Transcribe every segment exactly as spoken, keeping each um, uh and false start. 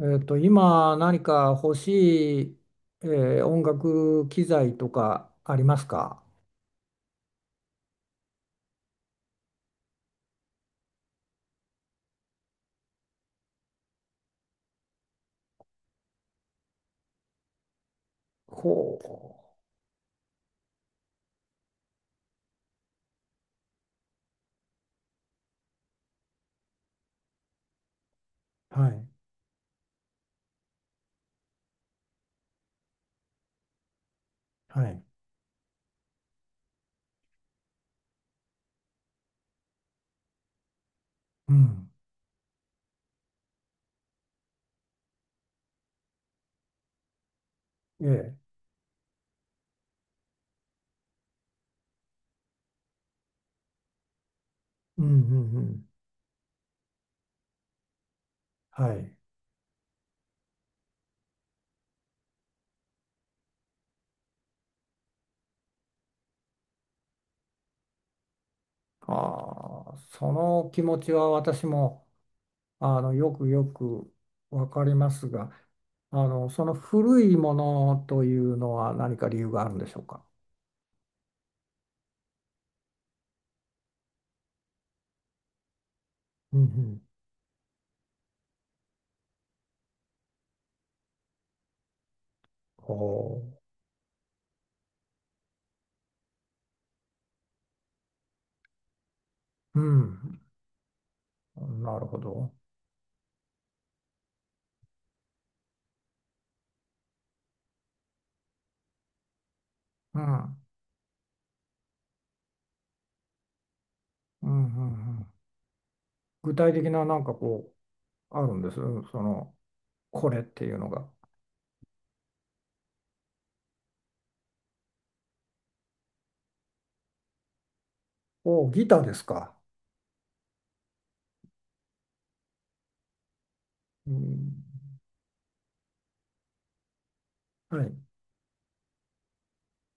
えっと、今何か欲しい、えー音楽機材とかありますか？ほう。はい。はい。うん。ええ。うんうんうん。はい。ああ、その気持ちは私も、あの、よくよくわかりますが、あの、その古いものというのは何か理由があるんでしょうか？うんうん。ほう。うん。なるほど。うん。うんうんうん。具体的ななんかこう、あるんです。その、これっていうのが。おお、ギターですか。うん、はい。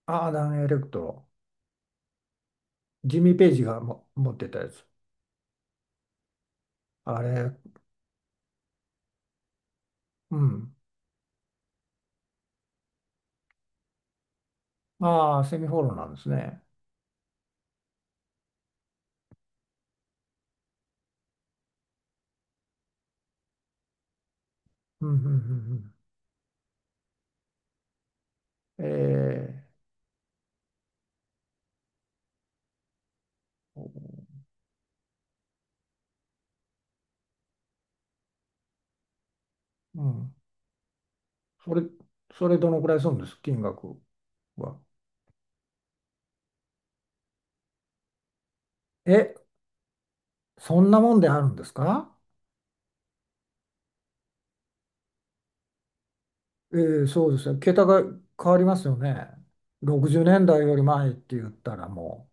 アー、ダンエレクトロ。ジミー・ペイジがも持ってたやつ。あれ、うん。ああ、セミホールなんですね。うん、うん、うん。うん。えー、うん。それ、それどのくらいするんです、金額は？え、そんなもんであるんですか？えー、そうですね。桁が変わりますよね。ろくじゅうねんだいより前って言ったらも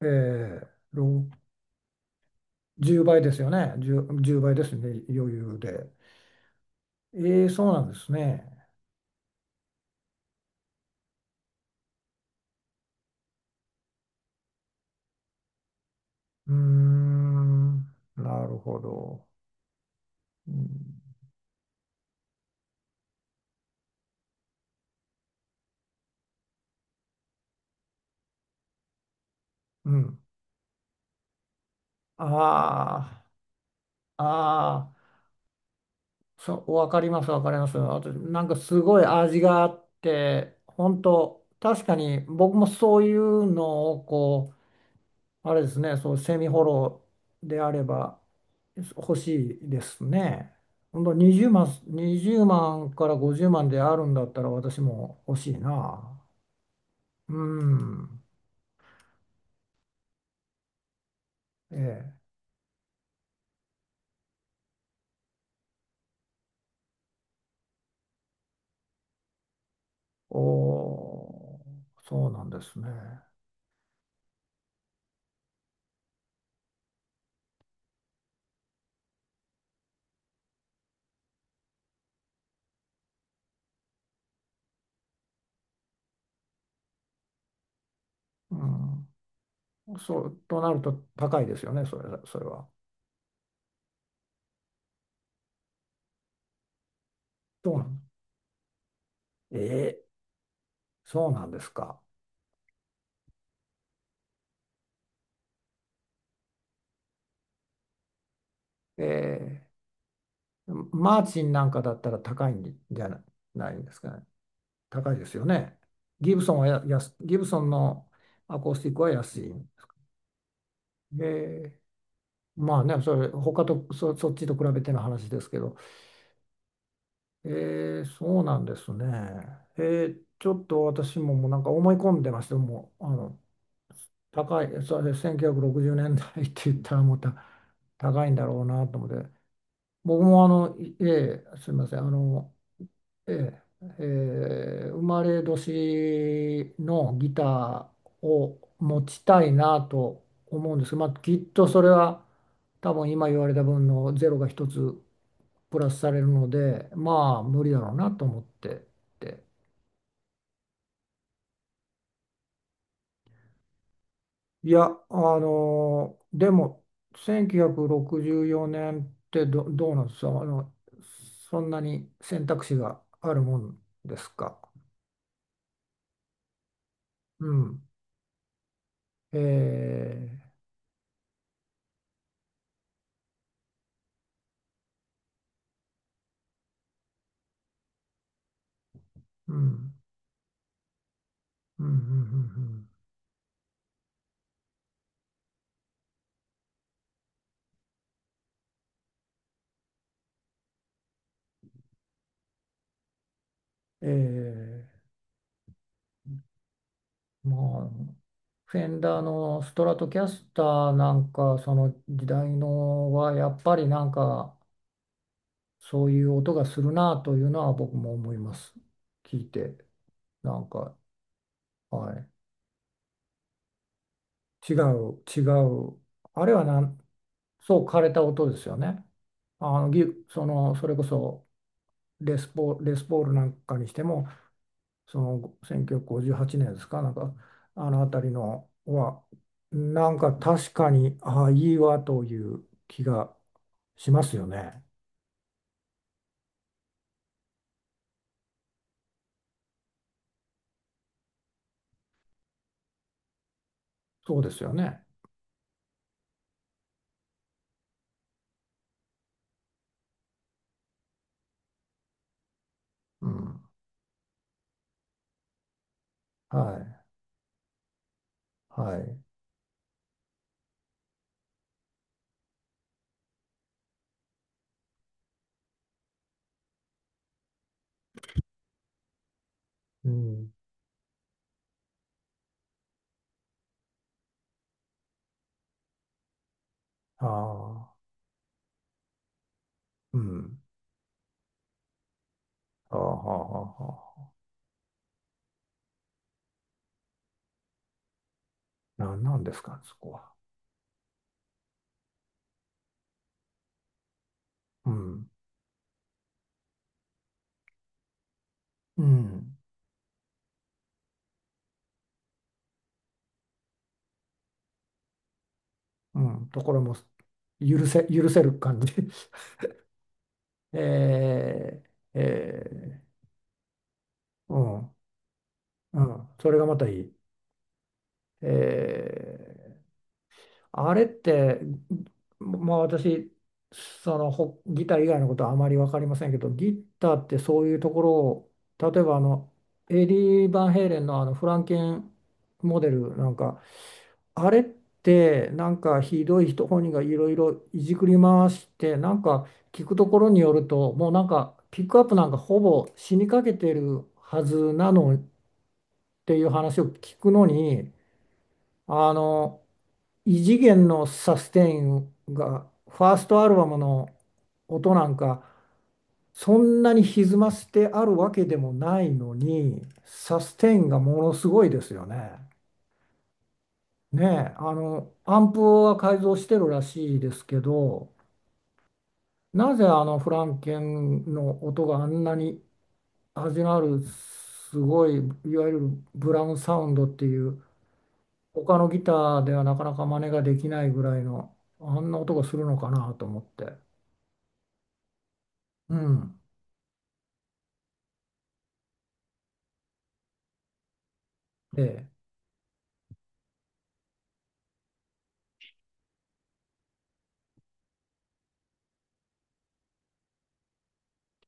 う、えー、ろじゅうばいですよね。じゅう倍ですね、余裕で。ええ、そうなんですね。うーん、なるほど。うん。うん。ああ、ああ、そう、わかります、わかります。あと、なんかすごい味があって、本当確かに僕もそういうのをこあれですね、そう、セミホロであれば欲しいですね。ほんとにじゅうまん、にじゅうまんからごじゅうまんであるんだったら私も欲しいな。うん。ええ。おー、そうなんですね。うん。そう、となると高いですよね、それ、それは。そうなんええ、そうなんですか？ええ、マーチンなんかだったら高いんじゃない、ないんですかね？高いですよね。ギブソンはや、安ギブソンのアコースティックは安い。えまあね、それ、他と、そ、そっちと比べての話ですけど、えーそうなんですね。えーちょっと私ももうなんか思い込んでました。もう、あの、高い、それせんきゅうひゃくろくじゅうねんだいって言ったらまた高いんだろうなと思って、僕もあの、いええすみません、あの、ええ、ええ、生まれ年のギターを持ちたいなと思うんです。まあ、きっとそれは多分今言われた分のゼロが一つプラスされるのでまあ無理だろうなと思ってて、いや、あのでもせんきゅうひゃくろくじゅうよねんってど、どうなんですか？あのそんなに選択肢があるもんですか？うん。ええ。うん。うん。うん。うん。うん。ええ。まあ、フェンダーのストラトキャスターなんか、その時代のはやっぱりなんか、そういう音がするなというのは僕も思います。聞いて、なんか、はい。違う、違う。あれはなん、そう、枯れた音ですよね。あの、ギ、その、それこそレスポ、レスポールなんかにしても、そのせんきゅうひゃくごじゅうはちねんですか、なんかあの辺りのは、なんか確かに、ああ、いいわという気がしますよね。そうですよね。うん。はい。はい。うん。ああ、うん。ああ、はあ、はあはあ。なんなんですか、そこは。うん。うん。うん。ところも、許せ、許せる感じ。えー、えー、うん。うん。それがまたいい。えーあれって、まあ私、そのほギター以外のことはあまり分かりませんけど、ギターってそういうところを、例えばあの、エディ・バンヘイレンのあのフランケンモデルなんか、あれってなんかひどい人本人がいろいろいじくり回して、なんか聞くところによると、もうなんかピックアップなんかほぼ死にかけてるはずなのっていう話を聞くのに、あの、異次元のサステインがファーストアルバムの音なんかそんなに歪ませてあるわけでもないのにサステインがものすごいですよね。ねえ、あのアンプは改造してるらしいですけど、なぜあのフランケンの音があんなに味のあるすごい、いわゆるブラウンサウンドっていう他のギターではなかなか真似ができないぐらいのあんな音がするのかなと思って。うん。で、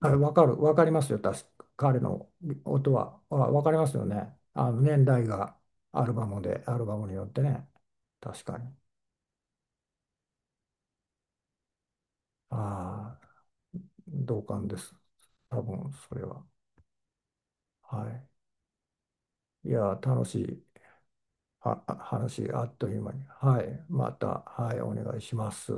あれ、わかる、わかりますよ、確か彼の音は。あ、わかりますよね。あの年代がアルバムで、アルバムによってね。確かに。ああ、同感です。多分、それは。はい。いや、楽しい、は、話、あっという間に。はい。また、はい、お願いします。